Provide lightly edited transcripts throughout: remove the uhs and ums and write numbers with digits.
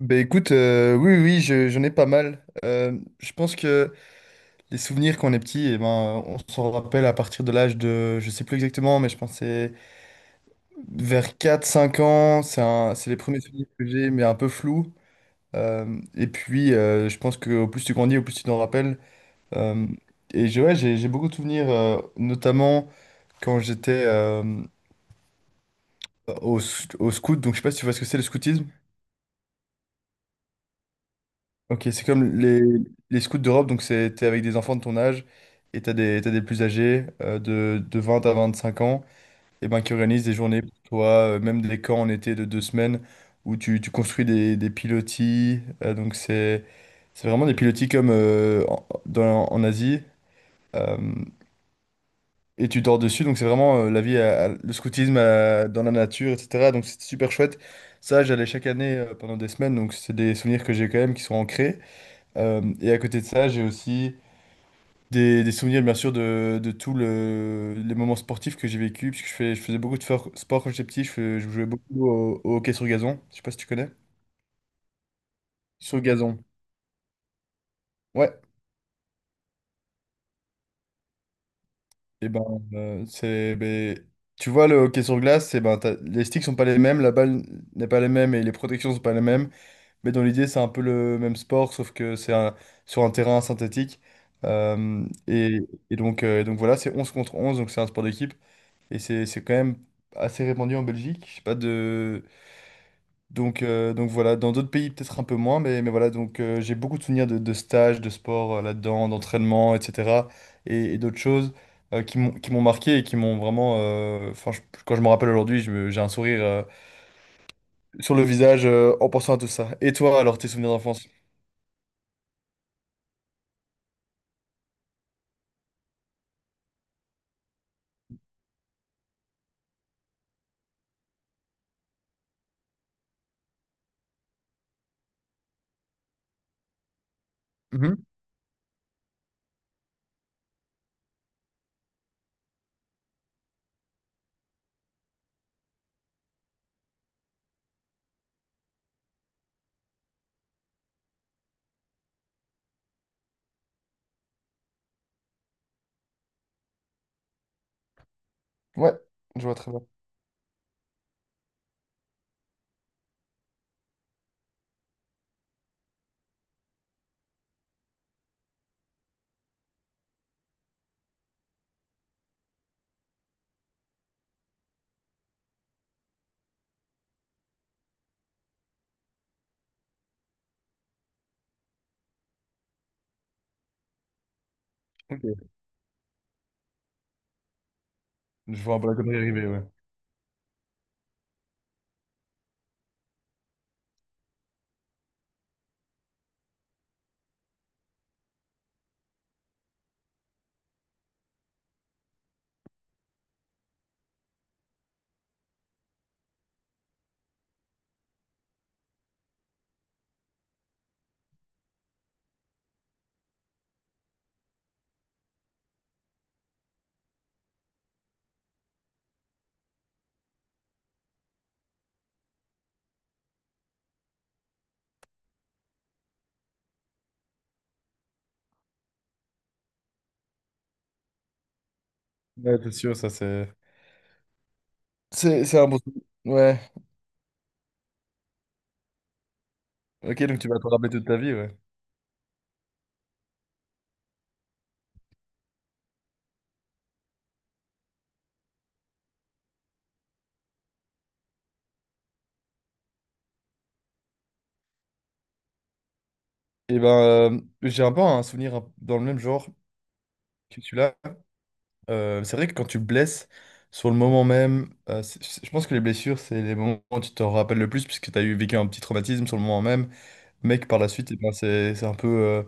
Ben écoute, oui, oui, j'en ai pas mal. Je pense que les souvenirs quand on est petit, eh ben, on s'en rappelle à partir de l'âge de, je sais plus exactement, mais je pense que c'est vers 4 5 ans. C'est les premiers souvenirs que j'ai, mais un peu flous. Et puis, je pense qu'au plus tu grandis, au plus tu t'en rappelles. Euh, et ouais, j'ai beaucoup de souvenirs, notamment quand j'étais au scout. Donc, je sais pas si tu vois ce que c'est le scoutisme. Ok, c'est comme les scouts d'Europe, donc c'est, t'es avec des enfants de ton âge et t'as des plus âgés de 20 à 25 ans et ben, qui organisent des journées pour toi, même des camps en été de 2 semaines où tu construis des pilotis. Donc c'est vraiment des pilotis comme en Asie euh, et tu dors dessus. Donc c'est vraiment la vie, le scoutisme dans la nature, etc. Donc c'est super chouette. Ça, j'allais chaque année pendant des semaines, donc c'est des souvenirs que j'ai quand même qui sont ancrés. Et à côté de ça, j'ai aussi des souvenirs, bien sûr, de tous les moments sportifs que j'ai vécu, puisque je faisais beaucoup de sport quand j'étais petit, je jouais beaucoup au hockey sur gazon, je sais pas si tu connais. Sur gazon, ouais. Et ben, ben, tu vois, le hockey sur glace, c'est ben, les sticks sont pas les mêmes, la balle n'est pas les mêmes et les protections sont pas les mêmes, mais dans l'idée, c'est un peu le même sport, sauf que c'est sur un terrain synthétique. Euh, et, et donc voilà, c'est 11 contre 11, donc c'est un sport d'équipe. Et c'est quand même assez répandu en Belgique. Je sais pas de... Donc voilà, dans d'autres pays peut-être un peu moins, mais voilà, donc j'ai beaucoup de souvenirs de stages, de sport là-dedans, d'entraînement, etc. Et d'autres choses qui m'ont marqué et qui m'ont vraiment... Enfin, quand je me rappelle aujourd'hui, j'ai un sourire sur le visage en pensant à tout ça. Et toi, alors, tes souvenirs d'enfance? Mhm. Ouais, je vois très bien. Ok. Je vois un peu la connerie arriver, ouais. Ouais, c'est sûr, ça c'est... C'est un bon souvenir. Ouais. Ok, donc tu vas te rappeler toute ta vie, ouais. Et ben, j'ai un peu un souvenir dans le même genre que celui-là. C'est vrai que quand tu blesses sur le moment même, je pense que les blessures, c'est les moments où tu t'en rappelles le plus, puisque tu as eu vécu un petit traumatisme sur le moment même, mais que par la suite, eh ben, c'est c'est un peu, euh,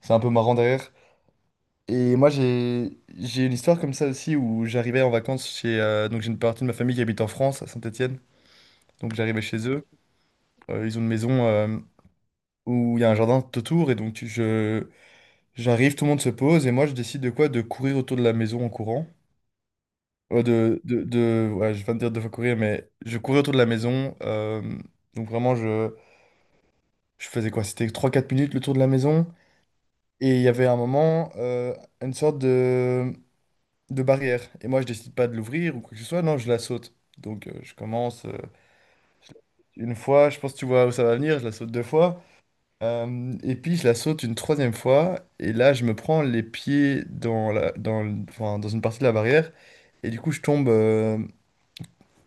c'est un peu marrant derrière. Et moi, j'ai une histoire comme ça aussi où j'arrivais en vacances chez. Donc, j'ai une partie de ma famille qui habite en France, à Saint-Étienne. Donc, j'arrivais chez eux. Ils ont une maison où il y a un jardin tout autour, et donc j'arrive, tout le monde se pose et moi je décide de quoi? De courir autour de la maison en courant. Ouais, je viens te dire de fois courir, mais je courais autour de la maison. Donc vraiment, je faisais quoi? C'était 3 4 minutes le tour de la maison. Et il y avait un moment, une sorte de barrière. Et moi, je décide pas de l'ouvrir ou quoi que ce soit. Non, je la saute. Donc je commence je la saute une fois, je pense que tu vois où ça va venir, je la saute deux fois. Et puis je la saute une troisième fois, et là je me prends les pieds dans la, dans, le- enfin, dans une partie de la barrière, et du coup je tombe,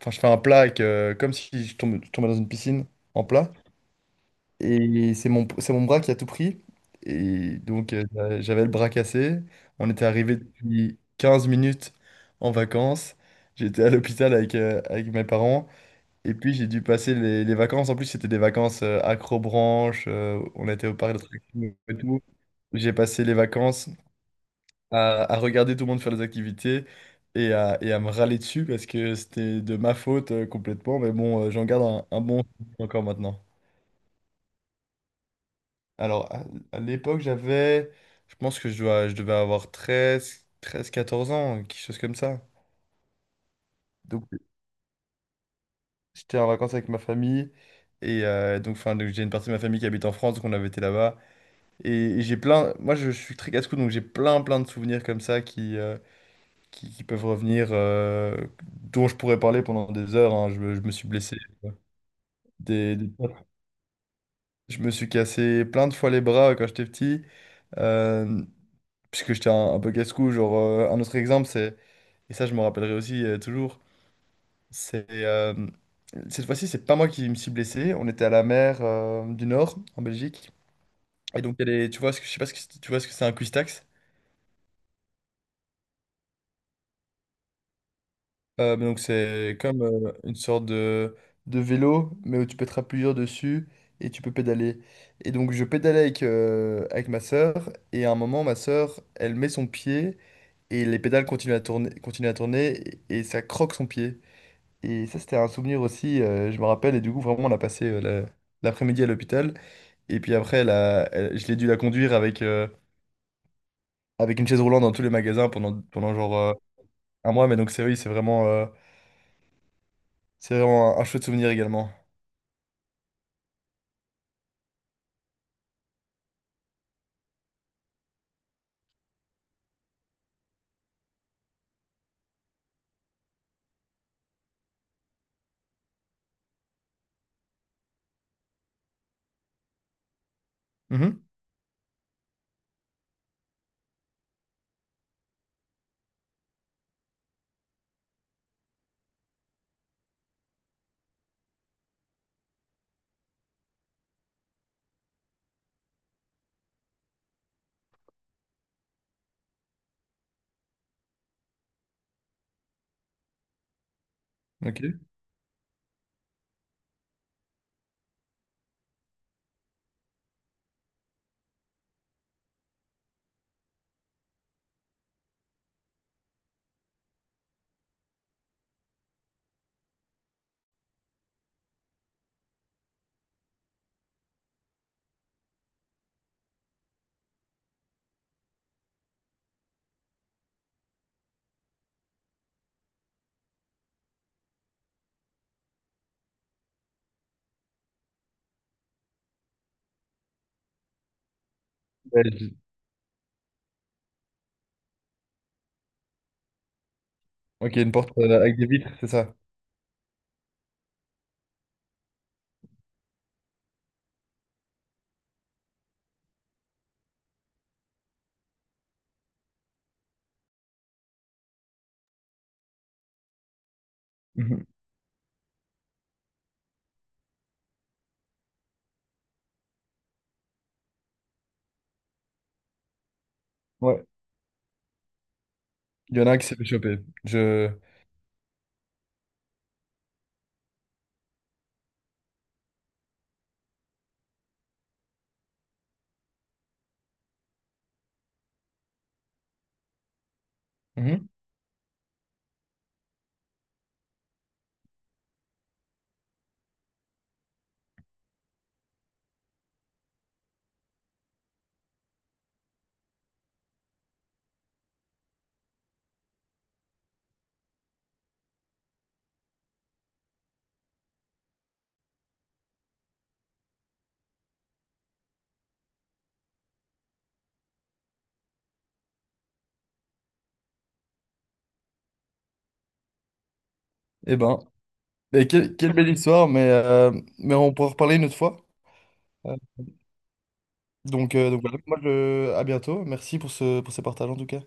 enfin je fais un plat comme si je tombais dans une piscine en plat, et c'est mon bras qui a tout pris, et donc j'avais le bras cassé, on était arrivé depuis 15 minutes en vacances, j'étais à l'hôpital avec mes parents, et puis j'ai dû passer les vacances, en plus c'était des vacances accrobranche, on était au parc d'attractions. J'ai passé les vacances à regarder tout le monde faire des activités et à me râler dessus parce que c'était de ma faute complètement. Mais bon, j'en garde un bon souvenir encore maintenant. Alors, à l'époque, j'avais, je pense que je devais avoir treize 14 ans, quelque chose comme ça. Donc, j'étais en vacances avec ma famille. Et donc, enfin, donc, j'ai une partie de ma famille qui habite en France, donc on avait été là-bas. Et, et j'ai plein, moi je suis très casse-cou, donc j'ai plein, plein de souvenirs comme ça qui peuvent revenir, dont je pourrais parler pendant des heures. Hein. Je me suis blessé. euh, Des, des- Je me suis cassé plein de fois les bras quand j'étais petit, euh, puisque j'étais un peu casse-cou. Genre, un autre exemple, et ça je me rappellerai aussi toujours, c'est cette fois-ci, c'est pas moi qui me suis blessé. On était à la mer du Nord, en Belgique. Et donc, il y a tu vois, je sais pas tu vois ce que c'est un cuistax. Donc c'est comme une sorte de vélo, mais où tu peux te plusieurs dessus et tu peux pédaler. Et donc je pédalais avec ma sœur, et à un moment, ma sœur, elle met son pied, et les pédales continuent à tourner, et ça croque son pied. Et ça, c'était un souvenir aussi, je me rappelle, et du coup, vraiment, on a passé l'après-midi à l'hôpital, et puis après, je l'ai dû la conduire avec une chaise roulante dans tous les magasins pendant genre un mois, mais donc c'est oui, c'est vraiment un chouette souvenir également. Mhm. Ok. Ouais, Ok, une porte avec des vitres, c'est ça. Mhm. Ouais. Il y en a un qui s'est fait choper. Je... Mhm. Eh ben, mais quelle belle histoire, mais on pourra en reparler une autre fois. Euh, donc voilà, moi, à bientôt. Merci pour ces partages en tout cas.